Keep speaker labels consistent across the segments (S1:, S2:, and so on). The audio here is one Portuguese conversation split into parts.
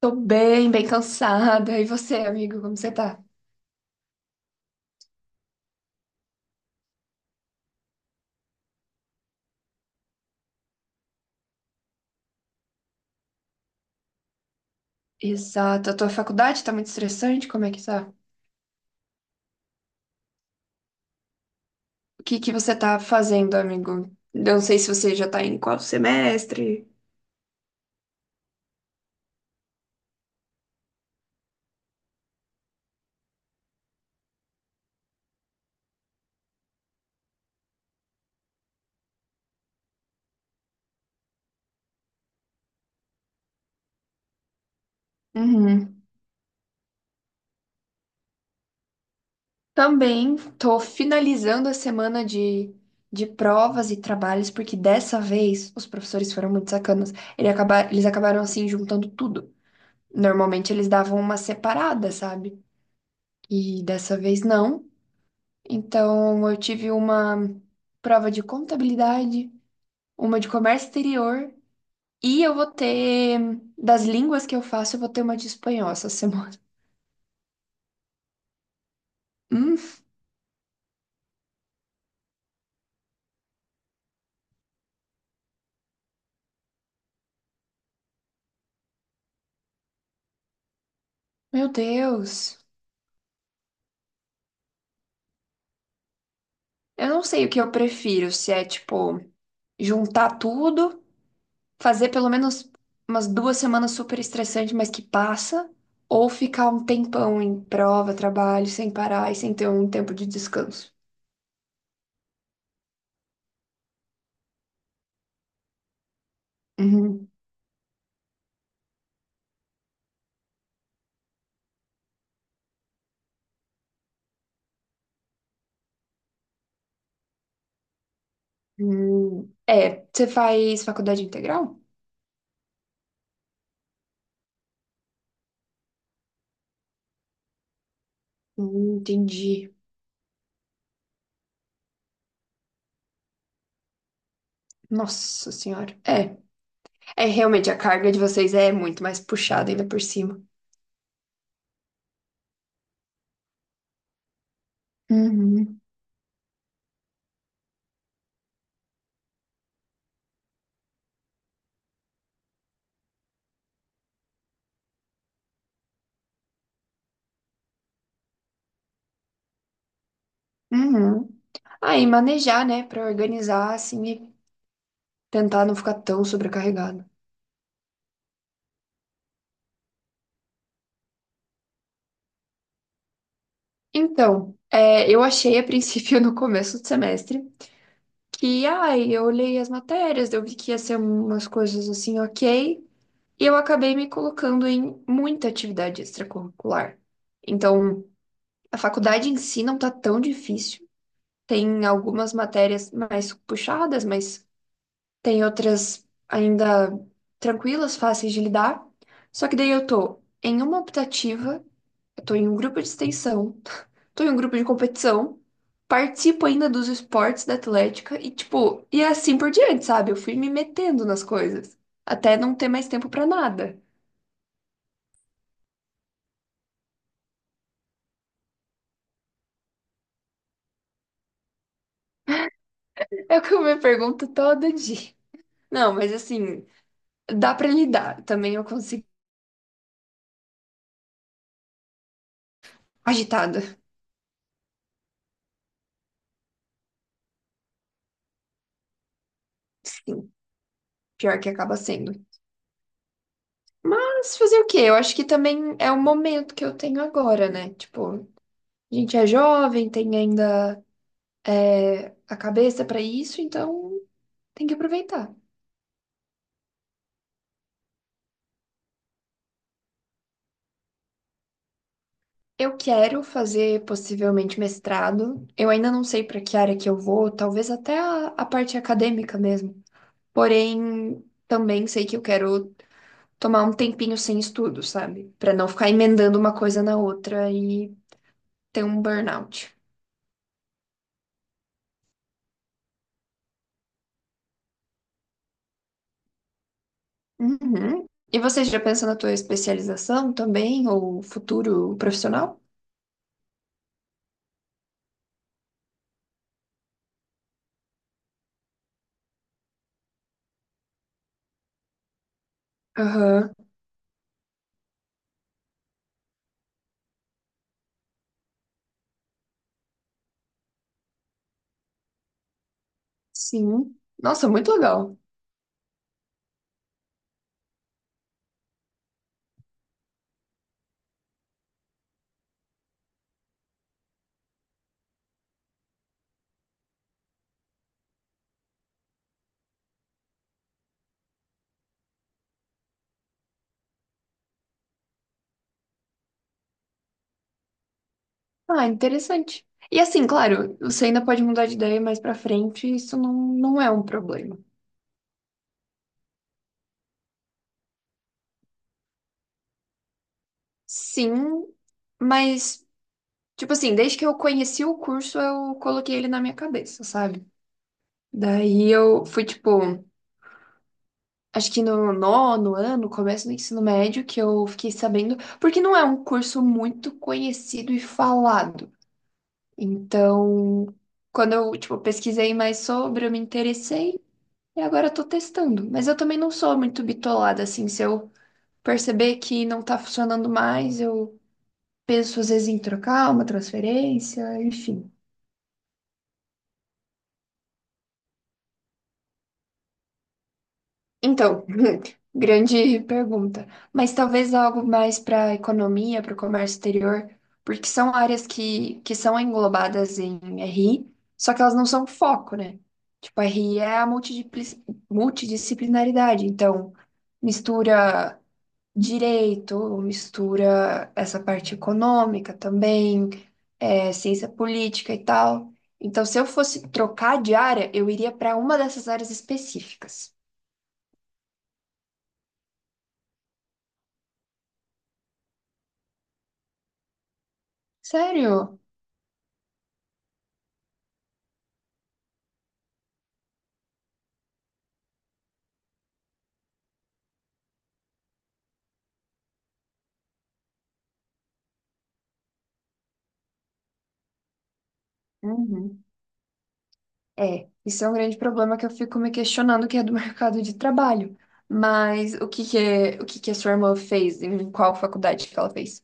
S1: Tô bem, bem cansada. E você, amigo, como você tá? Exato. A tua faculdade tá muito estressante? Como é que tá? O que que você tá fazendo, amigo? Eu não sei se você já tá em qual semestre. Uhum. Também tô finalizando a semana de provas e trabalhos, porque dessa vez os professores foram muito sacanas. Eles acabaram assim juntando tudo. Normalmente eles davam uma separada, sabe? E dessa vez não. Então, eu tive uma prova de contabilidade, uma de comércio exterior e eu vou ter das línguas que eu faço, eu vou ter uma de espanhol essa semana. Hum, Meu Deus. Eu não sei o que eu prefiro, se é tipo juntar tudo, fazer pelo menos umas duas semanas super estressante, mas que passa, ou ficar um tempão em prova, trabalho, sem parar e sem ter um tempo de descanso. Uhum. Hum. É, você faz faculdade integral? Entendi. Nossa senhora. É, realmente a carga de vocês é muito mais puxada ainda por cima. Uhum. Uhum. Aí manejar, né, pra organizar assim e tentar não ficar tão sobrecarregado. Então, eu achei a princípio no começo do semestre que, ai, eu olhei as matérias, eu vi que ia ser umas coisas assim, ok, e eu acabei me colocando em muita atividade extracurricular. Então, a faculdade em si não tá tão difícil. Tem algumas matérias mais puxadas, mas tem outras ainda tranquilas, fáceis de lidar. Só que daí eu tô em uma optativa, eu tô em um grupo de extensão, tô em um grupo de competição, participo ainda dos esportes da Atlética e, tipo, e é assim por diante, sabe? Eu fui me metendo nas coisas, até não ter mais tempo pra nada. É o que eu me pergunto todo dia. Não, mas assim, dá pra lidar. Também eu consigo. Agitada. Sim, pior que acaba sendo. Mas fazer o quê? Eu acho que também é o momento que eu tenho agora, né? Tipo, a gente é jovem, tem ainda a cabeça pra isso, então tem que aproveitar. Eu quero fazer possivelmente mestrado. Eu ainda não sei pra que área que eu vou, talvez até a parte acadêmica mesmo. Porém, também sei que eu quero tomar um tempinho sem estudo, sabe? Pra não ficar emendando uma coisa na outra e ter um burnout. Uhum. E você já pensa na tua especialização também, ou futuro profissional? Aham. Sim. Nossa, muito legal. Ah, interessante. E assim, claro, você ainda pode mudar de ideia mais pra frente, isso não, não é um problema. Sim, mas, tipo assim, desde que eu conheci o curso, eu coloquei ele na minha cabeça, sabe? Daí eu fui, tipo. Acho que no nono ano, começo do ensino médio, que eu fiquei sabendo, porque não é um curso muito conhecido e falado. Então, quando eu, tipo, pesquisei mais sobre, eu me interessei e agora eu tô testando. Mas eu também não sou muito bitolada, assim, se eu perceber que não tá funcionando mais, eu penso às vezes em trocar uma transferência, enfim. Então, grande pergunta. Mas talvez algo mais para a economia, para o comércio exterior, porque são áreas que são englobadas em RI, só que elas não são foco, né? Tipo, RI é a multidisciplinaridade. Então, mistura direito, mistura essa parte econômica também, ciência política e tal. Então, se eu fosse trocar de área, eu iria para uma dessas áreas específicas. Sério? Uhum. É, isso é um grande problema que eu fico me questionando, que é do mercado de trabalho. Mas o que que a sua irmã fez? Em qual faculdade que ela fez?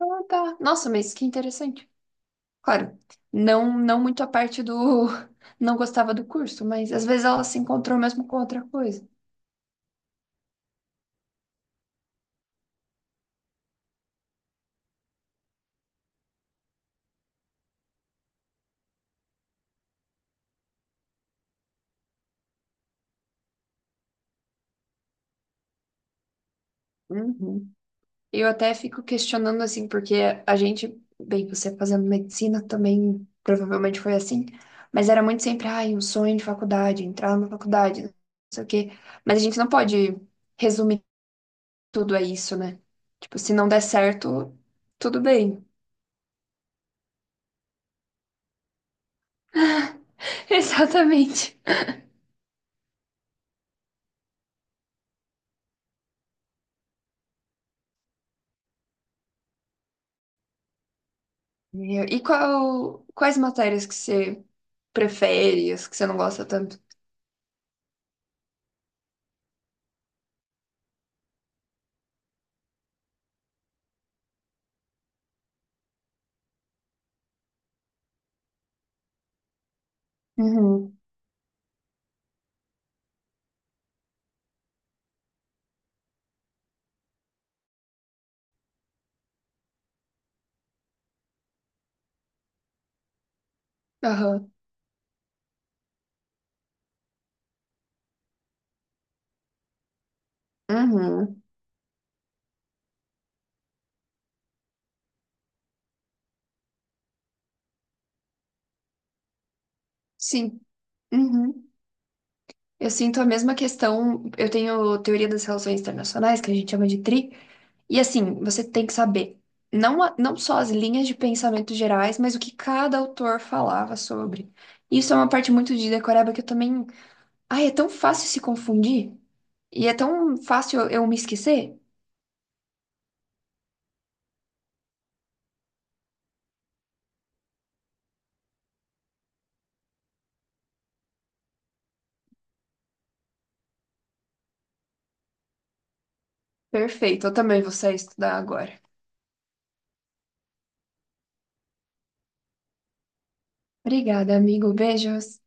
S1: Ah, tá. Nossa, mas que interessante. Claro, não, não muito a parte do não gostava do curso, mas às vezes ela se encontrou mesmo com outra coisa. Uhum. Eu até fico questionando assim, porque a gente, bem, você fazendo medicina também provavelmente foi assim, mas era muito sempre, ai, um sonho de faculdade, entrar na faculdade, não sei o quê. Mas a gente não pode resumir tudo a isso, né? Tipo, se não der certo, tudo bem. Exatamente. E quais matérias que você prefere, as que você não gosta tanto? Uhum. Aham. Uhum. Sim. Uhum. Eu sinto a mesma questão. Eu tenho teoria das relações internacionais, que a gente chama de TRI, e assim, você tem que saber não, não só as linhas de pensamento gerais, mas o que cada autor falava sobre. Isso é uma parte muito de decoreba que eu também. Ai, é tão fácil se confundir e é tão fácil eu me esquecer. Perfeito, eu também vou sair estudar agora. Obrigada, amigo. Beijos.